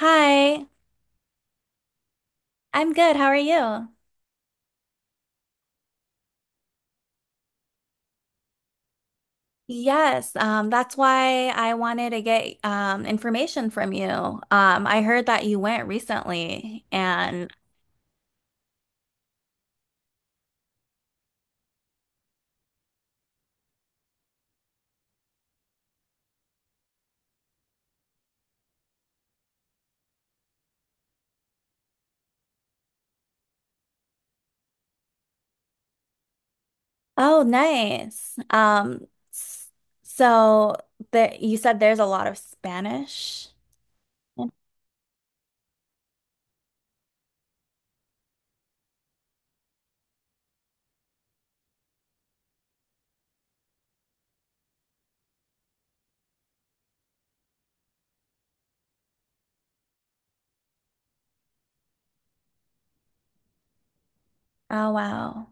Hi, I'm good. How are you? Yes, that's why I wanted to get information from you. I heard that you went recently, and oh, nice. S- so that you said there's a lot of Spanish. Oh, wow.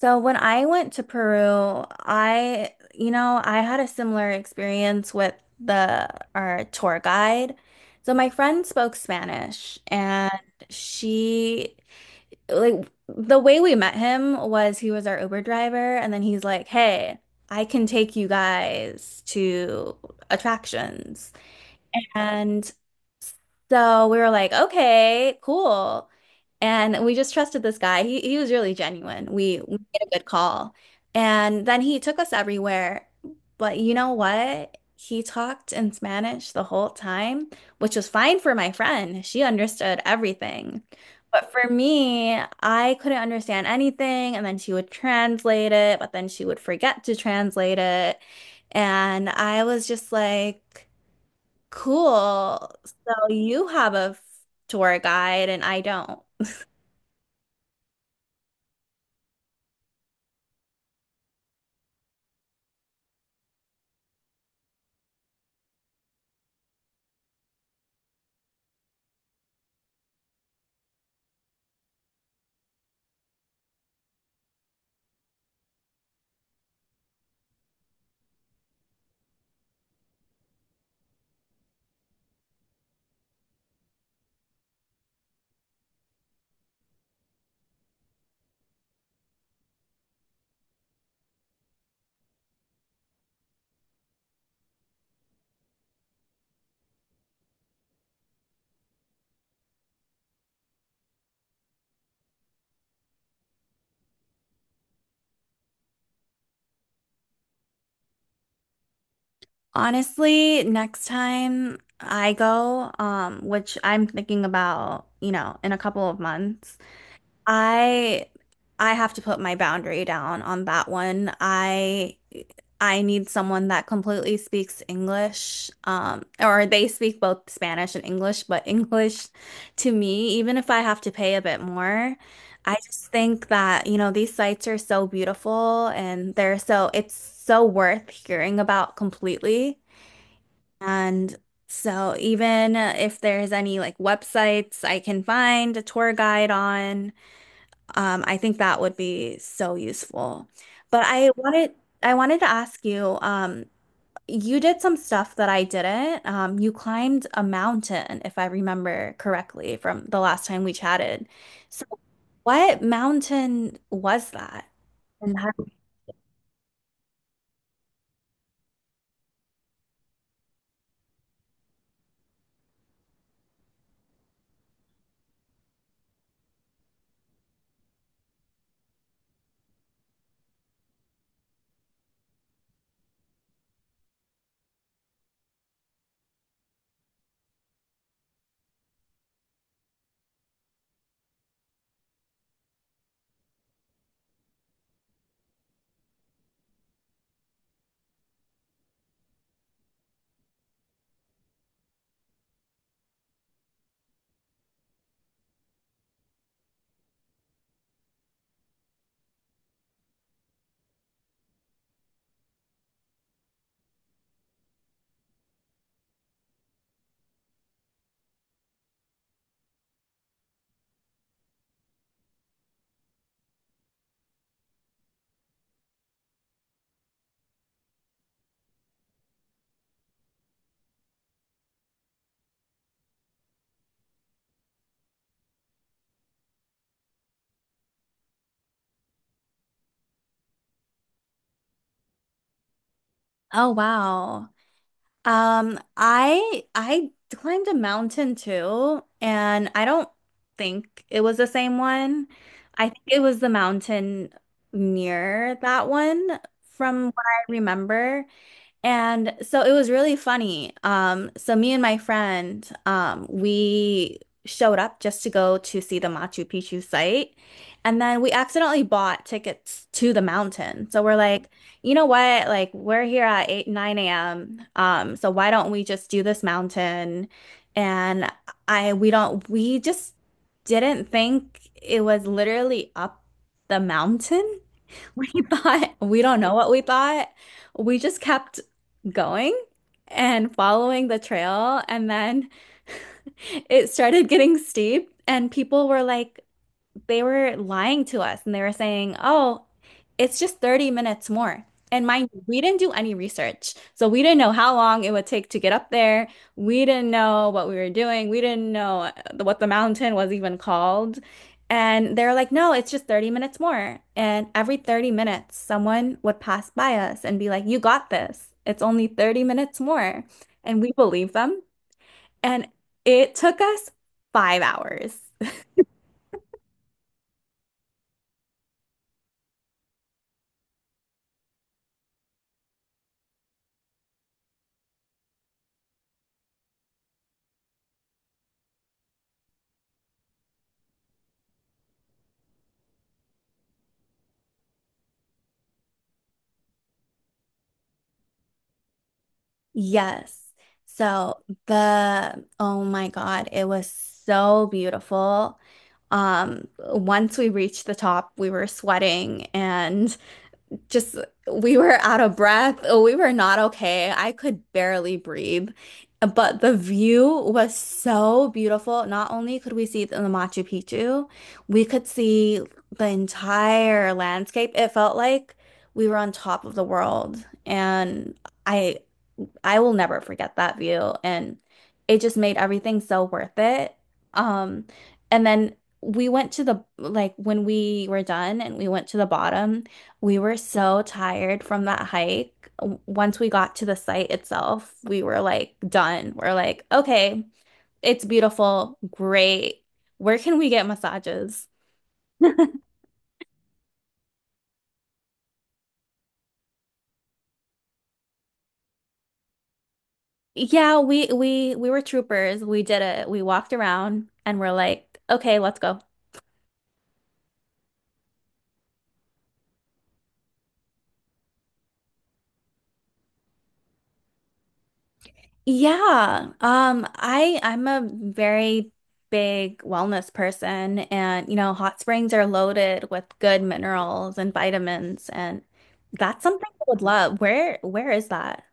So when I went to Peru, I, you know, I had a similar experience with the our tour guide. So my friend spoke Spanish, and she, like, the way we met him was he was our Uber driver. And then he's like, "Hey, I can take you guys to attractions." And so we were like, okay, cool. And we just trusted this guy. He was really genuine. We made a good call. And then he took us everywhere. But you know what? He talked in Spanish the whole time, which was fine for my friend. She understood everything. But for me, I couldn't understand anything, and then she would translate it, but then she would forget to translate it. And I was just like, cool. So you have a tour guide and I don't. Honestly, next time I go, which I'm thinking about, you know, in a couple of months, I I have to put my boundary down on that one. I need someone that completely speaks English, or they speak both Spanish and English, but English to me, even if I have to pay a bit more, I just think that, you know, these sites are so beautiful and they're so it's so worth hearing about completely. And so even if there's any like websites I can find a tour guide on, I think that would be so useful. But I wanted to ask you, you did some stuff that I didn't. You climbed a mountain, if I remember correctly, from the last time we chatted. So what mountain was that? And how- oh, wow. I climbed a mountain too, and I don't think it was the same one. I think it was the mountain near that one from what I remember. And so it was really funny. So me and my friend, we showed up just to go to see the Machu Picchu site. And then we accidentally bought tickets to the mountain. So we're like, you know what? Like, we're here at 8, 9 a.m. So why don't we just do this mountain? And I we don't we just didn't think it was literally up the mountain. We thought, we don't know what we thought. We just kept going and following the trail. And then it started getting steep, and people were like, they were lying to us and they were saying, oh, it's just 30 minutes more. And mind you, we didn't do any research. So we didn't know how long it would take to get up there. We didn't know what we were doing. We didn't know what the mountain was even called. And they're like, no, it's just 30 minutes more. And every 30 minutes, someone would pass by us and be like, you got this. It's only 30 minutes more. And we believed them. And it took us 5 hours. Yes. So the, oh my God, it was so beautiful. Once we reached the top, we were sweating and just we were out of breath. Oh, we were not okay. I could barely breathe. But the view was so beautiful. Not only could we see the Machu Picchu, we could see the entire landscape. It felt like we were on top of the world. And I I will never forget that view. And it just made everything so worth it. Um, and then we went to the, like, when we were done and we went to the bottom, we were so tired from that hike. Once we got to the site itself, we were like done. We're like, okay, it's beautiful. Great. Where can we get massages? Yeah, we were troopers. We did it. We walked around and we're like, okay, let's go. Yeah, I'm a very big wellness person, and you know, hot springs are loaded with good minerals and vitamins, and that's something I would love. Where is that?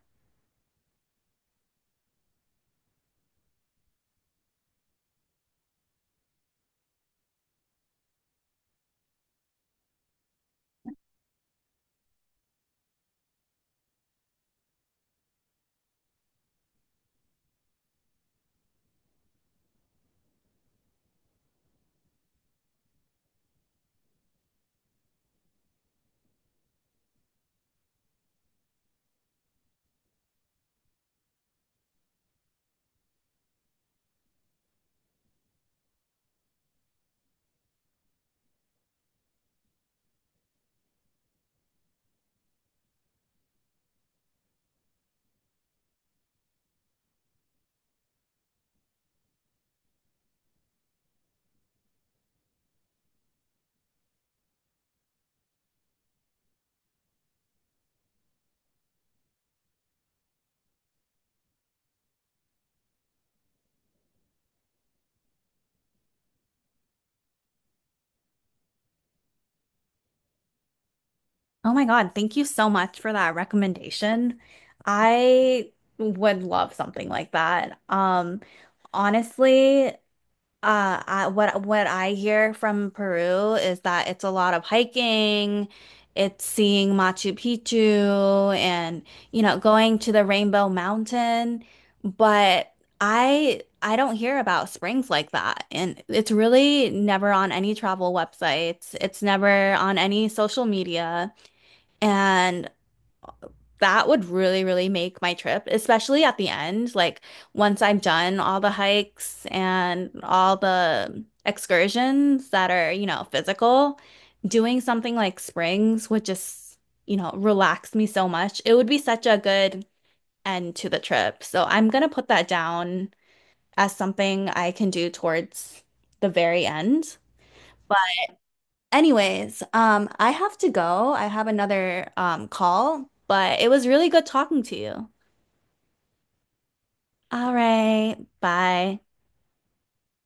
Oh my God, thank you so much for that recommendation. I would love something like that. Honestly. I, what I hear from Peru is that it's a lot of hiking, it's seeing Machu Picchu and, you know, going to the Rainbow Mountain, but I don't hear about springs like that. And it's really never on any travel websites. It's never on any social media. And that would really, really make my trip, especially at the end. Like, once I'm done all the hikes and all the excursions that are, you know, physical, doing something like Springs would just, you know, relax me so much. It would be such a good end to the trip. So I'm gonna put that down as something I can do towards the very end. But anyways, I have to go. I have another call, but it was really good talking to you. All right. Bye.